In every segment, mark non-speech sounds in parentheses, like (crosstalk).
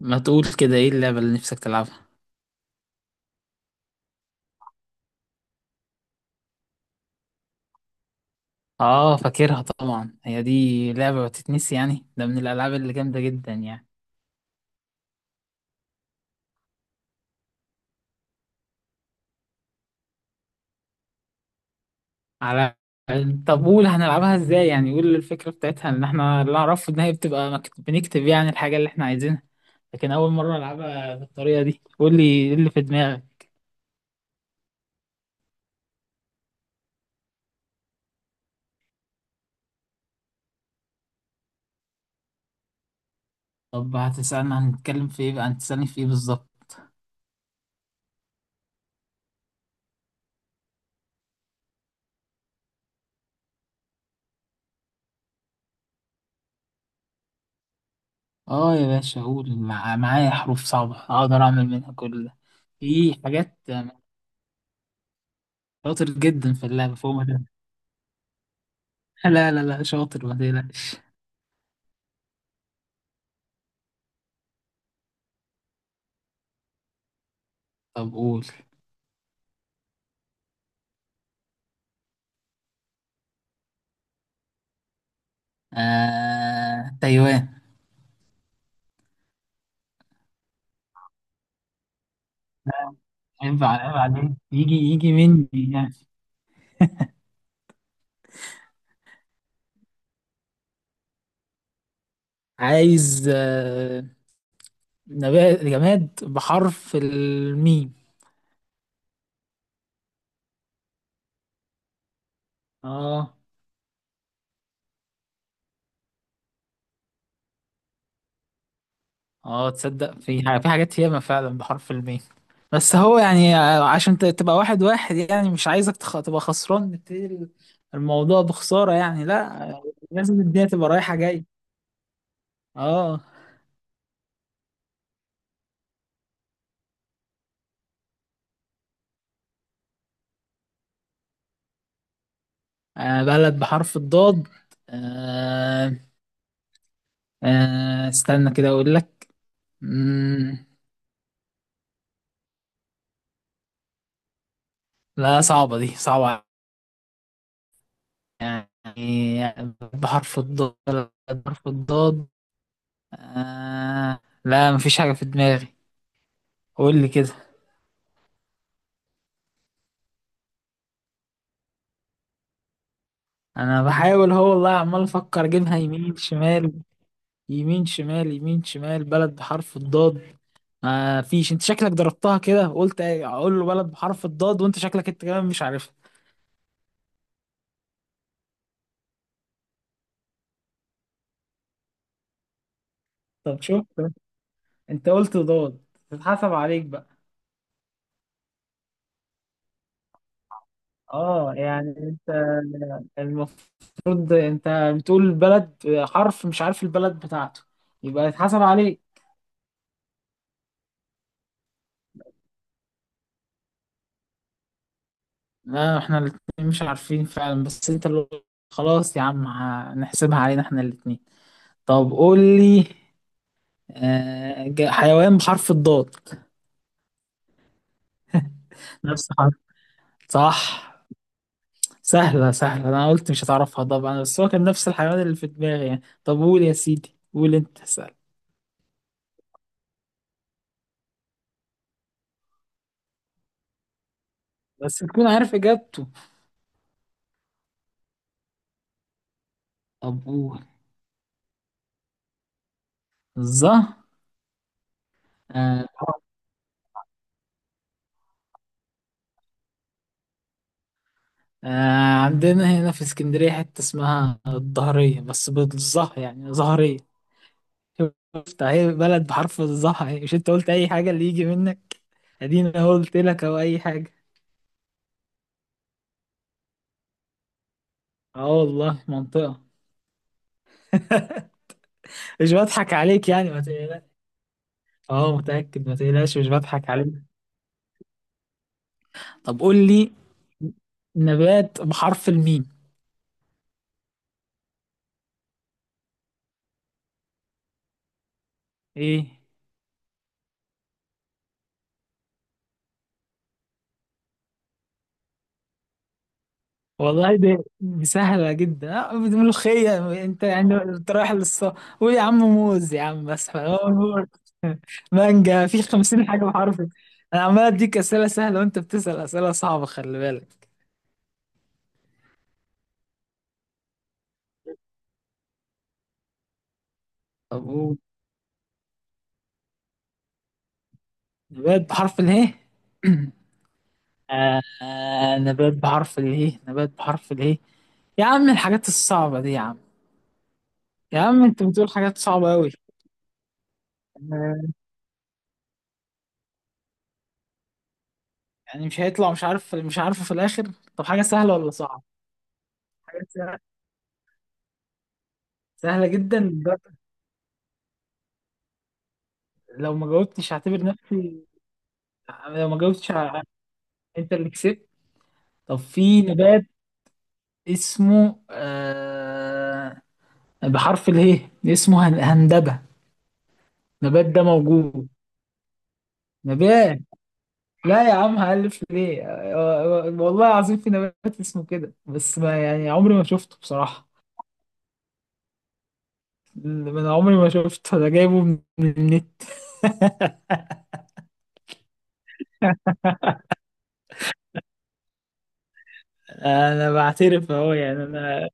ما تقول كده، ايه اللعبة اللي نفسك تلعبها؟ اه فاكرها طبعا، هي دي لعبة ما تتنسي يعني، ده من الالعاب اللي جامدة جدا يعني. على طب قول هنلعبها ازاي يعني، قول الفكرة بتاعتها. ان احنا اللي اعرفه ان هي بتبقى بنكتب يعني الحاجة اللي احنا عايزينها، لكن اول مرة العبها بالطريقة دي. قول لي ايه اللي في دماغك. طب هتسألنا هنتكلم في ايه بقى؟ هتسألني في ايه بالظبط؟ اه يا باشا، قول معايا حروف صعبة اقدر اعمل منها كل ده. في حاجات شاطر جدا في اللعبة فوق ما لا شاطر، ما تقلقش. طب قول. تايوان. ينفع عيب عليك، يجي مني يعني. عايز نبات، جماد بحرف الميم. اه. اه تصدق في حاجة، في حاجات ياما فعلا بحرف الميم، بس هو يعني عشان تبقى واحد واحد يعني، مش عايزك تبقى خسران. نبتدي الموضوع بخسارة يعني؟ لا لازم الدنيا تبقى رايحة جاي. اه. بلد بحرف الضاد. آه، استنى كده اقول لك. مم، لا صعبة، دي صعبة يعني. بحرف الضاد، بحرف الضاد. لا مفيش حاجة في دماغي. قول لي كده. انا بحاول، هو والله عمال افكر اجيبها يمين شمال، يمين شمال، يمين شمال. بلد بحرف الضاد ما فيش. انت شكلك ضربتها كده، قلت اقول له بلد بحرف الضاد وانت شكلك انت كمان مش عارفها. طب شوف، انت قلت ضاد، تتحسب عليك بقى. اه يعني انت، المفروض انت بتقول بلد، حرف مش عارف البلد بتاعته، يبقى يتحسب عليك. لا احنا الاتنين مش عارفين فعلا، بس انت اللي، خلاص يا عم هنحسبها علينا احنا الاتنين. طب قول لي، حيوان بحرف الضاد. نفس حرف. صح. سهلة سهلة، انا قلت مش هتعرفها طبعا، بس هو كان نفس الحيوان اللي في دماغي يعني. طب قول يا سيدي، قول انت سهل. بس تكون عارف اجابته. طب قول. الظهر. آه عندنا هنا في اسكندرية حتة اسمها الظهرية، بس بالظه يعني، ظهرية. شفت اهي بلد بحرف الظه اهي. مش انت قلت اي حاجة اللي يجي منك؟ ادينا قلت لك او اي حاجة. اه والله منطقة. (laughs) مش بضحك عليك يعني، ما تقلقش. اه متأكد، ما تقلقش، مش بضحك عليك. طب قول لي، نبات بحرف الميم. ايه والله دي دي سهلة جدا، دي ملوخية. انت يعني انت رايح للص، قول يا عم موز يا عم، بس هو موز. (laughs) مانجا في خمسين حاجة بحرف. انا عمال اديك اسئلة سهلة وانت بتسأل اسئلة صعبة، خلي بالك. طب قول، نبات بحرف اله. (clears throat) نبات بحرف اله، نبات بحرف اله. يا عم الحاجات الصعبة دي يا عم، يا عم انت بتقول حاجات صعبة أوي. آه، يعني مش هيطلع مش عارف، مش عارفه في الآخر؟ طب حاجة سهلة ولا صعبة؟ حاجة سهلة. سهلة جدا لدرجة. لو ما جاوبتش هعتبر نفسي، لو ما جاوبتش انت اللي كسبت. طب في نبات اسمه بحرف اله، اسمه هندبة. نبات ده موجود، نبات. لا يا عم هألف ليه، والله العظيم في نبات اسمه كده، بس ما يعني عمري ما شفته بصراحة. من عمري ما شفته، انا جايبه من من النت. (laughs) انا بعترف اهو يعني، انا.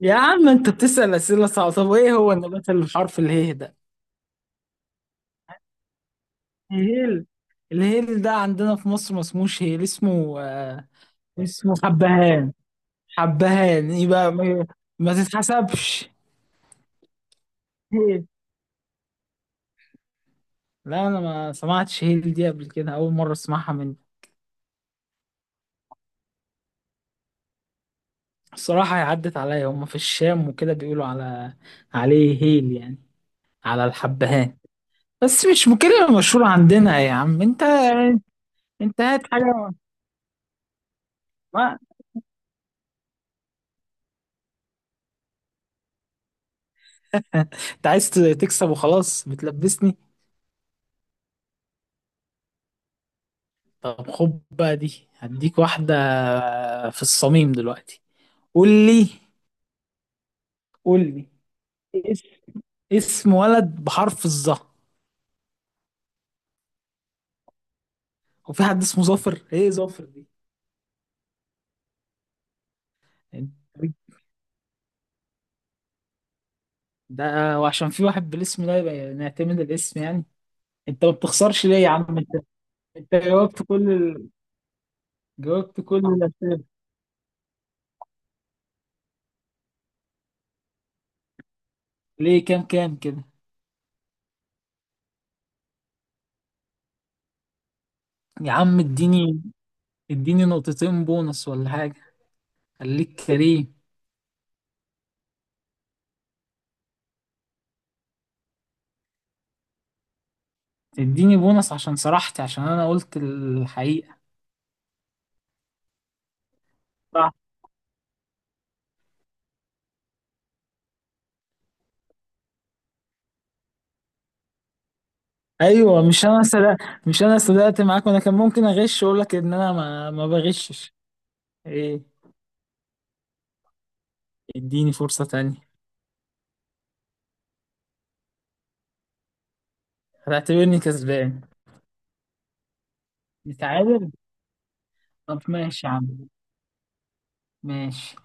يا عم انت بتسأل أسئلة صعبة، طب ايه هو النبات اللي بحرف اله ده؟ الهيل. الهيل ده عندنا في مصر ما اسموش هيل، اسمه آه، اسمه حبهان. حبهان يبقى ما، ما تتحسبش هيل. لا انا ما سمعتش هيل دي قبل كده، اول مرة اسمعها مني. الصراحة هي عدت عليا، هما في الشام وكده بيقولوا على عليه هيل يعني، على الحبهان. بس مش كلمة مشهورة عندنا. يا عم انت، انت هات حاجة. ما (laughs) انت عايز تكسب وخلاص، بتلبسني. طب خد بقى دي، هديك واحدة في الصميم دلوقتي. قول لي، قول لي. اس- اسم ولد بحرف الظا. وفي حد اسمه ظافر؟ ايه ظافر دي؟ انت، ده وعشان في واحد بالاسم ده يبقى نعتمد الاسم يعني؟ انت ما بتخسرش ليه يا عم انت؟ انت جاوبت كل ال... جاوبت كل الاسئله ليه؟ كام كام كده؟ يا عم اديني، اديني نقطتين بونص ولا حاجه، خليك كريم. اديني بونص عشان سرحت، عشان انا قلت الحقيقه. ايوه مش انا صدقت، مش انا صدقت معاك؟ وانا كان ممكن اغش واقول لك ان انا ما، ما بغشش. ايه؟ اديني فرصة تانية. هتعتبرني كسبان؟ نتعادل. طب ماشي يا عم، ماشي.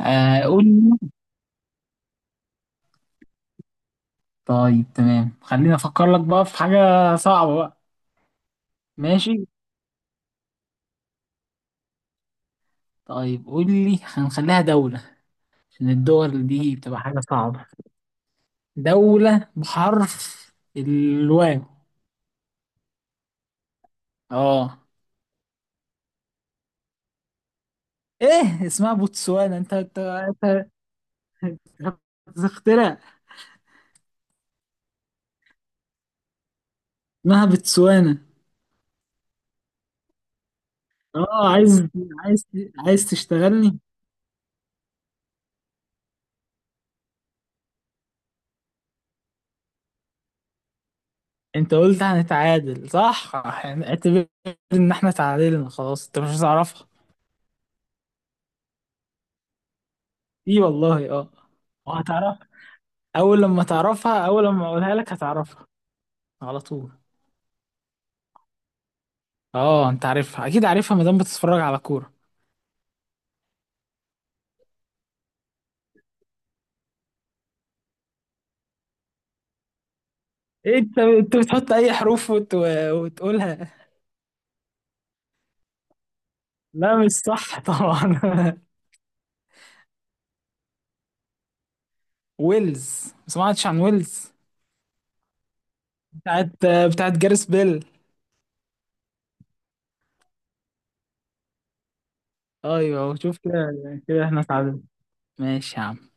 آه قول لي. طيب تمام، خليني افكر لك بقى في حاجة صعبة بقى. ماشي. طيب قول لي، هنخليها دولة عشان الدول دي بتبقى حاجة صعبة. دولة بحرف الواو. اه. ايه اسمها بوتسوانا؟ انت اخترع. اسمها بتسوانا. اه عايز، عايز. عايز تشتغلني؟ انت قلت هنتعادل صح؟ يعني اعتبر ان احنا تعادلنا خلاص، انت مش هتعرفها. ايه والله اه وهتعرفها. اول لما تعرفها، اول لما اقولها لك هتعرفها على طول. اه انت عارفها، اكيد عارفها ما دام بتتفرج على كورة. إيه انت بتحط اي حروف وتقولها. لا مش صح طبعا. (laughs) ويلز. ما سمعتش عن ويلز؟ بتاعت، بتاعت جاريس بيل. ايوه شوف كده، كده احنا اتعادلنا. ماشي يا عم.